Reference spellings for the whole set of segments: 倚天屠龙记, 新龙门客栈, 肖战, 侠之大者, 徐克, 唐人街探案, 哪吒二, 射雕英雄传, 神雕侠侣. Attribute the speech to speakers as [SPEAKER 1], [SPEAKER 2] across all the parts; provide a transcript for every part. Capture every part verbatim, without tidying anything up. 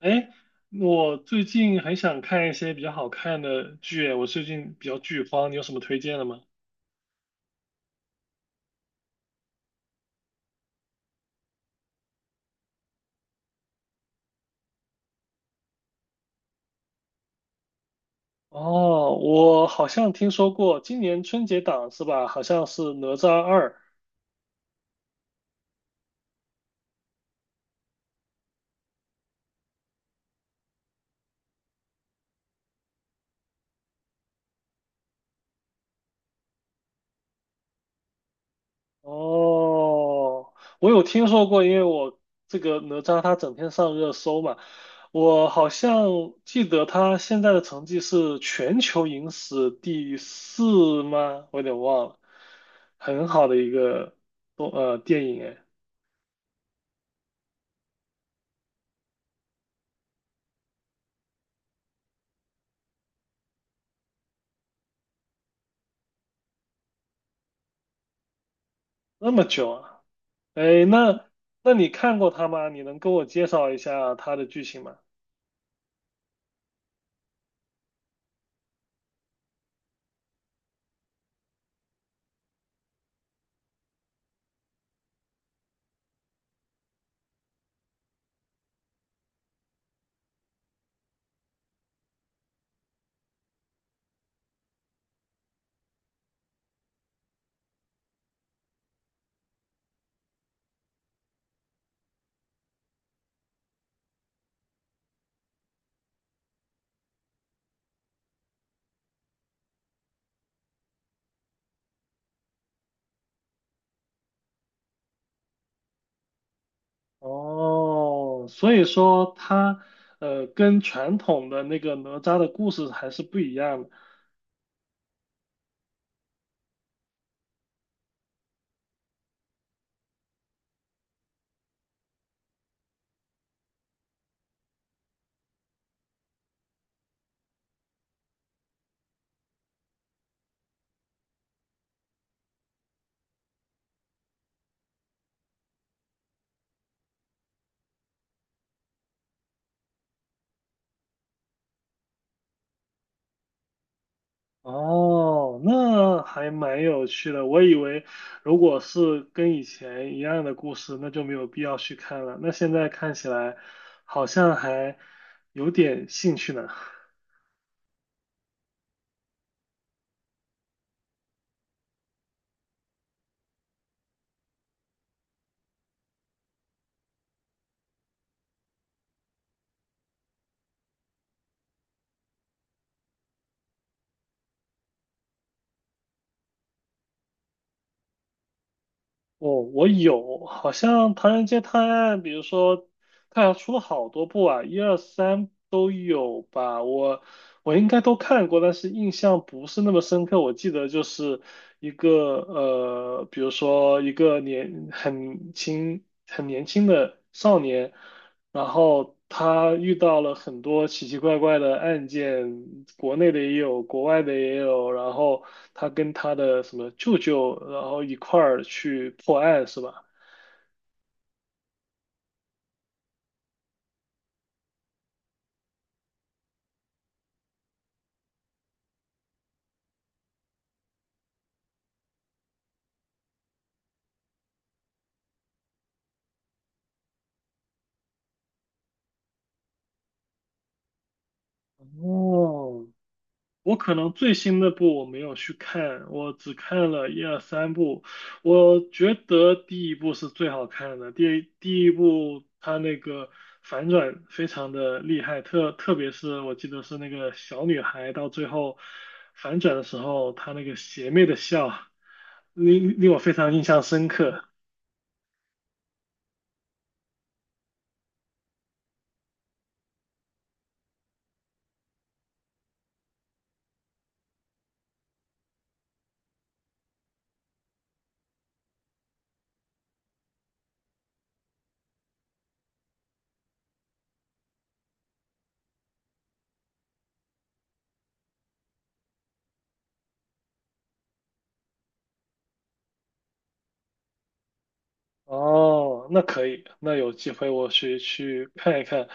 [SPEAKER 1] 哎，我最近很想看一些比较好看的剧，我最近比较剧荒，你有什么推荐的吗？哦，我好像听说过今年春节档是吧？好像是《哪吒二》。哦，我有听说过，因为我这个哪吒它整天上热搜嘛，我好像记得他现在的成绩是全球影史第四吗？我有点忘了，很好的一个动呃电影哎，那么久啊！哎，那那你看过他吗？你能跟我介绍一下他的剧情吗？哦，所以说他呃跟传统的那个哪吒的故事还是不一样的。哦，那还蛮有趣的。我以为如果是跟以前一样的故事，那就没有必要去看了。那现在看起来好像还有点兴趣呢。哦，我有，好像《唐人街探案》，比如说，它好像出了好多部啊，一二三都有吧。我我应该都看过，但是印象不是那么深刻。我记得就是一个呃，比如说一个年很轻很年轻的少年，然后他遇到了很多奇奇怪怪的案件，国内的也有，国外的也有，然后他跟他的什么舅舅，然后一块儿去破案，是吧？哦，我可能最新的部我没有去看，我只看了一二三部。我觉得第一部是最好看的，第第一部它那个反转非常的厉害，特特别是我记得是那个小女孩到最后反转的时候，她那个邪魅的笑，令令我非常印象深刻。哦，那可以，那有机会我去去看一看。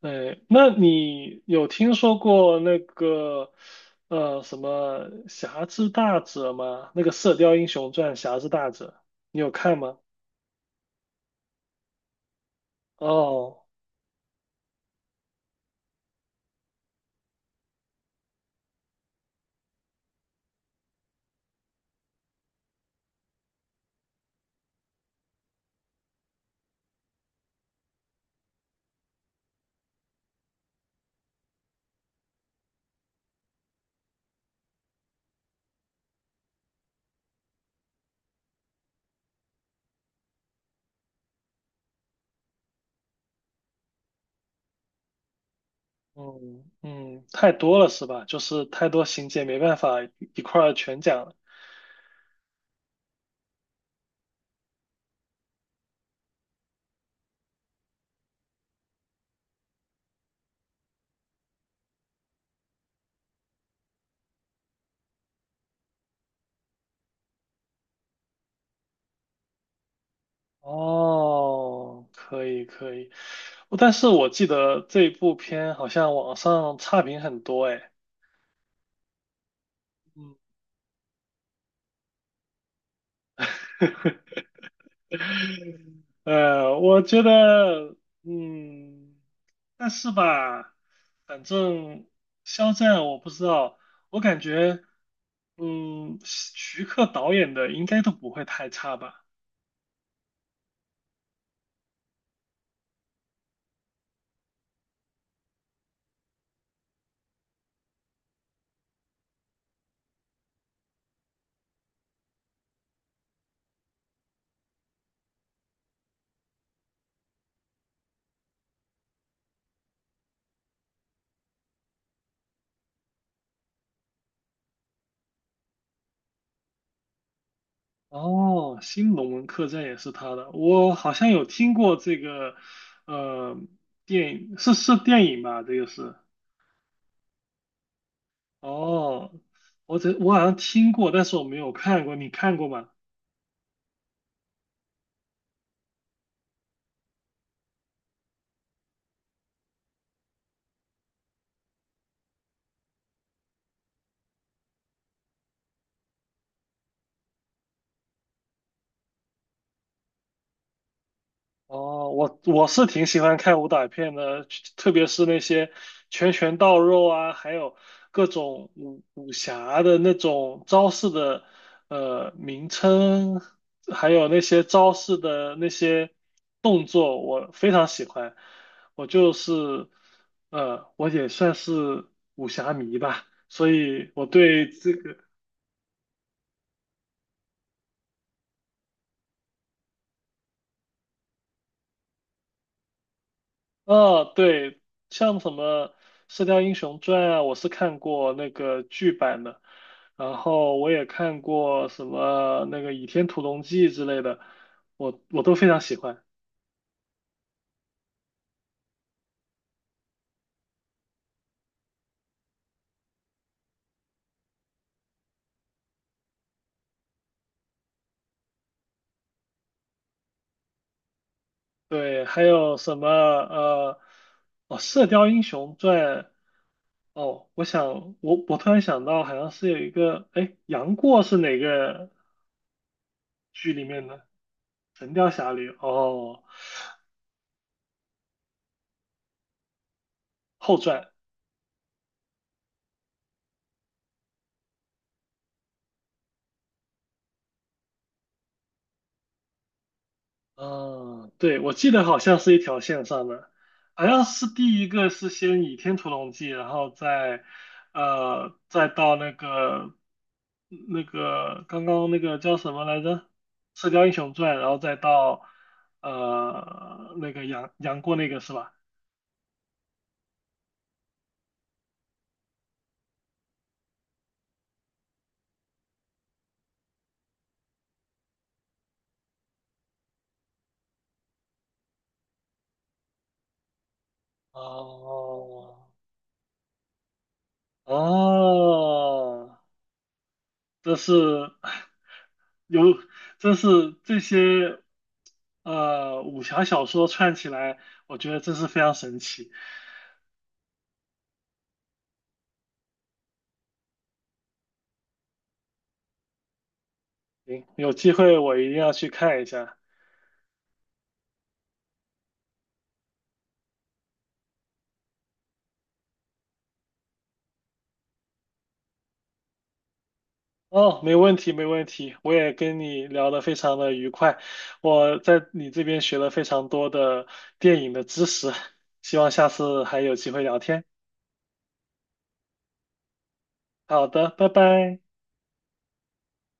[SPEAKER 1] 哎，那你有听说过那个呃什么《侠之大者》吗？那个《射雕英雄传》《侠之大者》，你有看吗？哦，嗯嗯，太多了是吧？就是太多情节没办法一块儿全讲了。哦，可以可以，但是我记得这部片好像网上差评很多哎。嗯。呃，我觉得，嗯，但是吧，反正肖战我不知道，我感觉，嗯，徐克导演的应该都不会太差吧。哦，《新龙门客栈》也是他的，我好像有听过这个，呃，电影是是电影吧？这个是，哦，我这我好像听过，但是我没有看过，你看过吗？哦，我我是挺喜欢看武打片的，特别是那些拳拳到肉啊，还有各种武武侠的那种招式的呃名称，还有那些招式的那些动作，我非常喜欢。我就是呃，我也算是武侠迷吧，所以我对这个。啊，对，像什么《射雕英雄传》啊，我是看过那个剧版的，然后我也看过什么那个《倚天屠龙记》之类的，我我都非常喜欢。对，还有什么呃，哦，《射雕英雄传》，哦，我想我我突然想到，好像是有一个，哎，杨过是哪个剧里面的？《神雕侠侣》哦，后传。嗯，对，我记得好像是一条线上的，好像是第一个是先倚天屠龙记，然后再，呃，再到那个，那个刚刚那个叫什么来着，《射雕英雄传》，然后再到，呃，那个杨杨过那个是吧？哦，哦，这是。有，真是这些呃武侠小说串起来，我觉得真是非常神奇。行，有机会我一定要去看一下。哦，没问题，没问题。我也跟你聊得非常的愉快，我在你这边学了非常多的电影的知识，希望下次还有机会聊天。好的，拜拜。